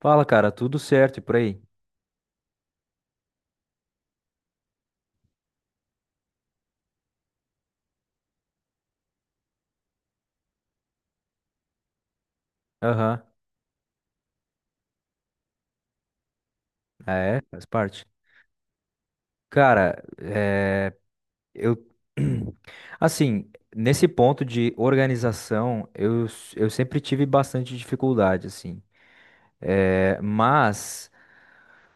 Fala, cara, tudo certo e por aí? Aham. É, faz parte. Cara, é, eu. Assim, nesse ponto de organização, eu sempre tive bastante dificuldade, assim. Mas,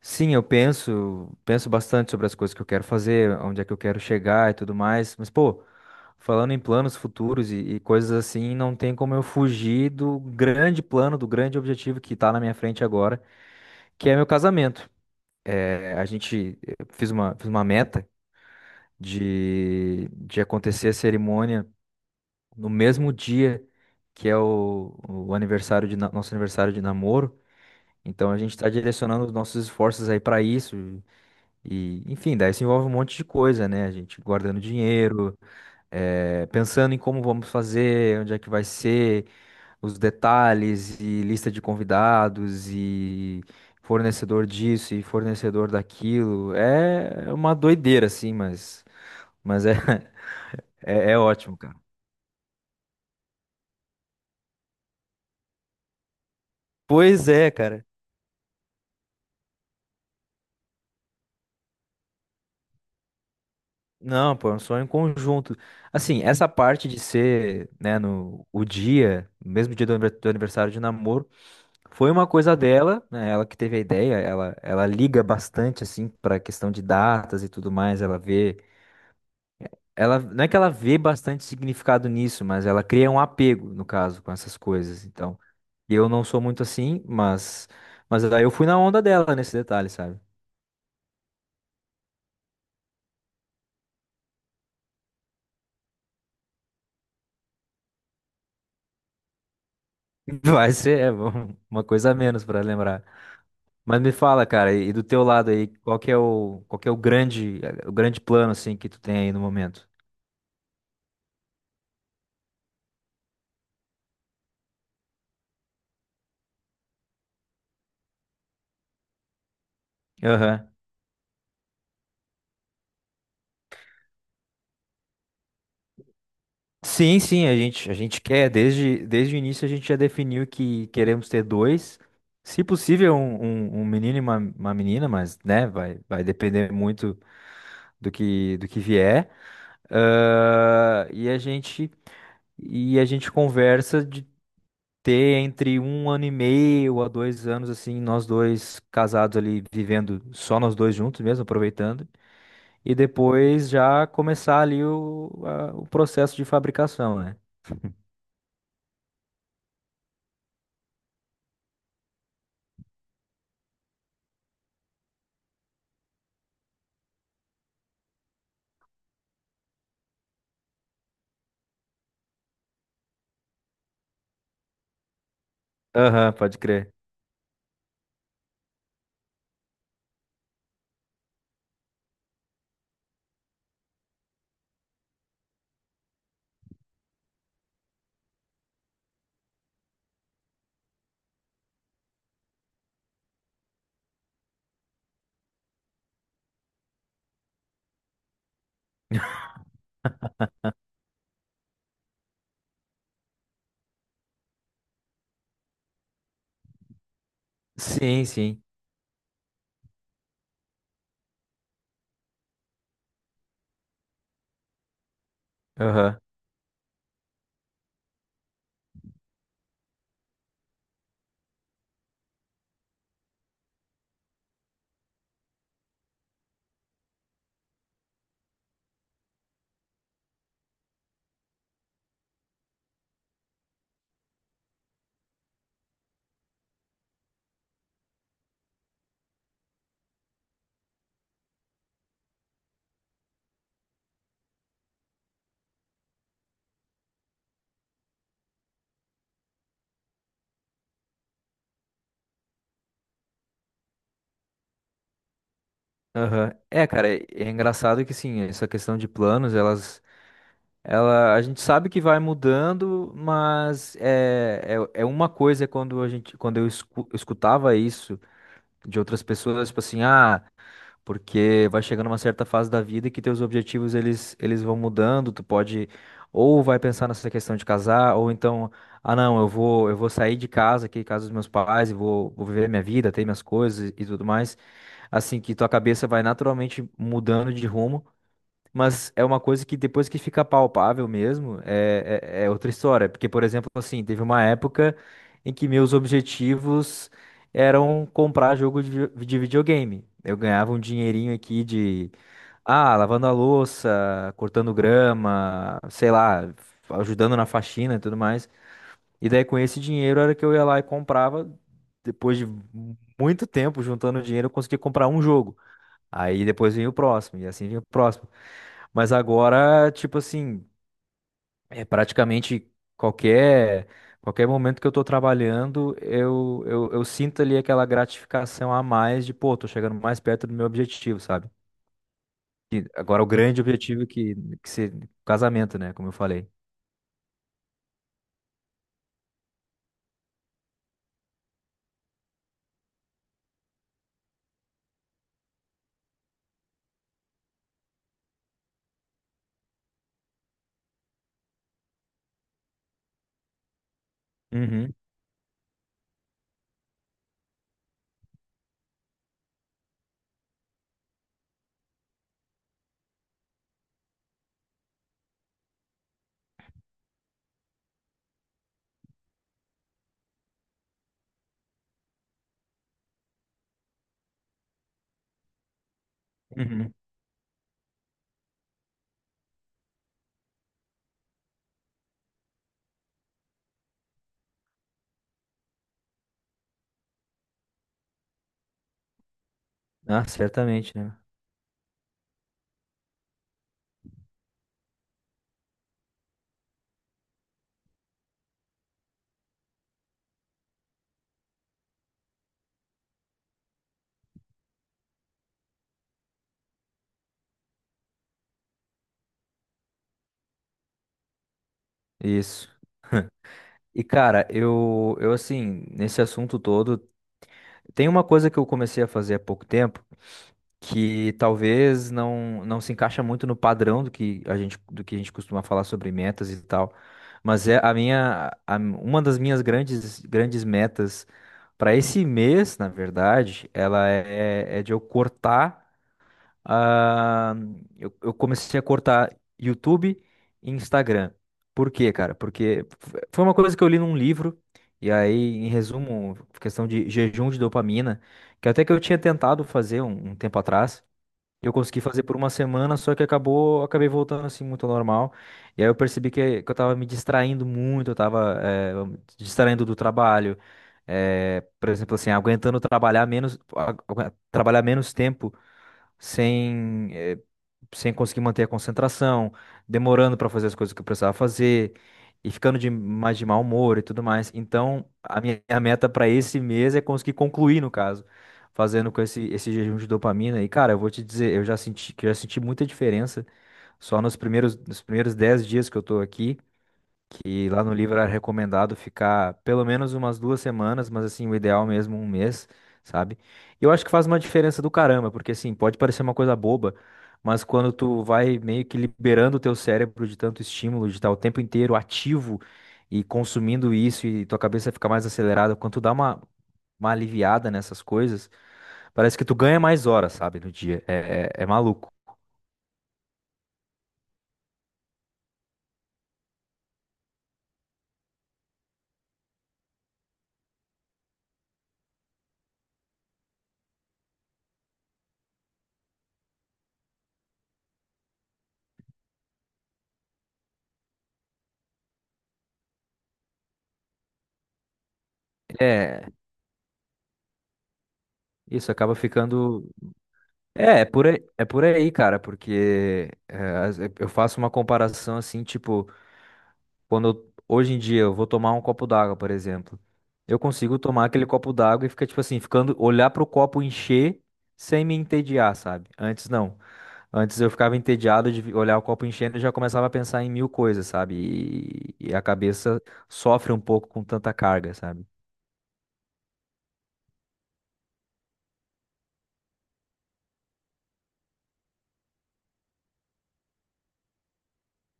sim, eu penso bastante sobre as coisas que eu quero fazer, onde é que eu quero chegar e tudo mais. Mas, pô, falando em planos futuros e coisas assim, não tem como eu fugir do grande plano, do grande objetivo que tá na minha frente agora, que é meu casamento. A gente fez uma meta de acontecer a cerimônia no mesmo dia que é o aniversário nosso aniversário de namoro. Então a gente está direcionando os nossos esforços aí para isso. E, enfim, daí isso envolve um monte de coisa, né? A gente guardando dinheiro, pensando em como vamos fazer, onde é que vai ser os detalhes e lista de convidados e fornecedor disso e fornecedor daquilo. É uma doideira, assim, mas é, é ótimo, cara. Pois é, cara. Não, pô, é um sonho em conjunto. Assim, essa parte de ser, né, no mesmo dia do do aniversário de namoro, foi uma coisa dela, né? Ela que teve a ideia, ela liga bastante, assim, pra questão de datas e tudo mais, Ela, não é que ela vê bastante significado nisso, mas ela cria um apego, no caso, com essas coisas. Então, eu não sou muito assim, mas aí eu fui na onda dela nesse detalhe, sabe? Vai ser, bom, uma coisa a menos pra lembrar. Mas me fala, cara, e do teu lado aí, qual que é o grande plano assim que tu tem aí no momento? Aham. Sim, sim, a gente quer, desde o início a gente já definiu que queremos ter dois, se possível um menino e uma menina, mas né, vai depender muito do que vier. Ah, e a gente conversa de ter entre 1 ano e meio a 2 anos, assim, nós dois casados ali, vivendo só nós dois juntos mesmo, aproveitando, e depois já começar ali o processo de fabricação, né? Aham, pode crer. Sim, sim. Aham, aham. É, cara, é engraçado que sim, essa questão de planos, a gente sabe que vai mudando, mas é uma coisa quando eu escutava isso de outras pessoas, tipo assim, porque vai chegando uma certa fase da vida que teus objetivos eles vão mudando, tu pode ou vai pensar nessa questão de casar, ou então, ah não, eu vou sair de casa aqui, casa dos meus pais, e vou viver minha vida, ter minhas coisas e tudo mais. Assim que tua cabeça vai naturalmente mudando de rumo, mas é uma coisa que depois que fica palpável mesmo, é outra história. Porque, por exemplo, assim, teve uma época em que meus objetivos eram comprar jogo de videogame. Eu ganhava um dinheirinho aqui de, lavando a louça, cortando grama, sei lá, ajudando na faxina e tudo mais. E daí com esse dinheiro era que eu ia lá e comprava, depois de muito tempo juntando dinheiro, eu conseguia comprar um jogo. Aí depois vinha o próximo, e assim vinha o próximo. Mas agora, tipo assim, é praticamente qualquer qualquer momento que eu tô trabalhando, eu sinto ali aquela gratificação a mais de, pô, tô chegando mais perto do meu objetivo, sabe? E agora o grande objetivo que ser casamento, né? Como eu falei. Uhum, uhum. Ah, certamente, né? Isso. E cara, eu assim, nesse assunto todo, tem uma coisa que eu comecei a fazer há pouco tempo que talvez não se encaixa muito no padrão do que a gente costuma falar sobre metas e tal. Mas é a uma das minhas grandes metas para esse mês, na verdade, ela é de eu cortar. ah, eu comecei a cortar YouTube e Instagram. Por quê, cara? Porque foi uma coisa que eu li num livro, e aí, em resumo, questão de jejum de dopamina, que até que eu tinha tentado fazer um tempo atrás. Eu consegui fazer por uma semana, só que acabei voltando assim muito ao normal. E aí eu percebi que eu tava me distraindo muito, eu tava me distraindo do trabalho. Por exemplo, assim, aguentando trabalhar menos, trabalhar menos tempo sem, eh, sem conseguir manter a concentração, demorando para fazer as coisas que eu precisava fazer e ficando de mais de mau humor e tudo mais. Então, a minha a meta para esse mês é conseguir concluir, no caso, fazendo com esse jejum de dopamina. E, cara, eu vou te dizer, eu já senti muita diferença só nos primeiros 10 dias que eu tô aqui, que lá no livro era recomendado ficar pelo menos umas 2 semanas, mas assim, o ideal mesmo um mês, sabe? E eu acho que faz uma diferença do caramba, porque assim, pode parecer uma coisa boba, mas quando tu vai meio que liberando o teu cérebro de tanto estímulo, de estar o tempo inteiro ativo e consumindo isso e tua cabeça fica mais acelerada, quando tu dá uma aliviada nessas coisas, parece que tu ganha mais horas, sabe, no dia. É maluco. É, isso acaba ficando. É por aí, cara, porque eu faço uma comparação assim, tipo, quando hoje em dia eu vou tomar um copo d'água, por exemplo, eu consigo tomar aquele copo d'água e fica tipo assim, ficando olhar pro copo encher sem me entediar, sabe? Antes não. Antes eu ficava entediado de olhar o copo enchendo e já começava a pensar em mil coisas, sabe? E a cabeça sofre um pouco com tanta carga, sabe?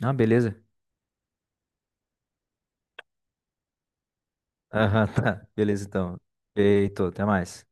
Ah, beleza. Aham, tá. Beleza, então. Feito, até mais.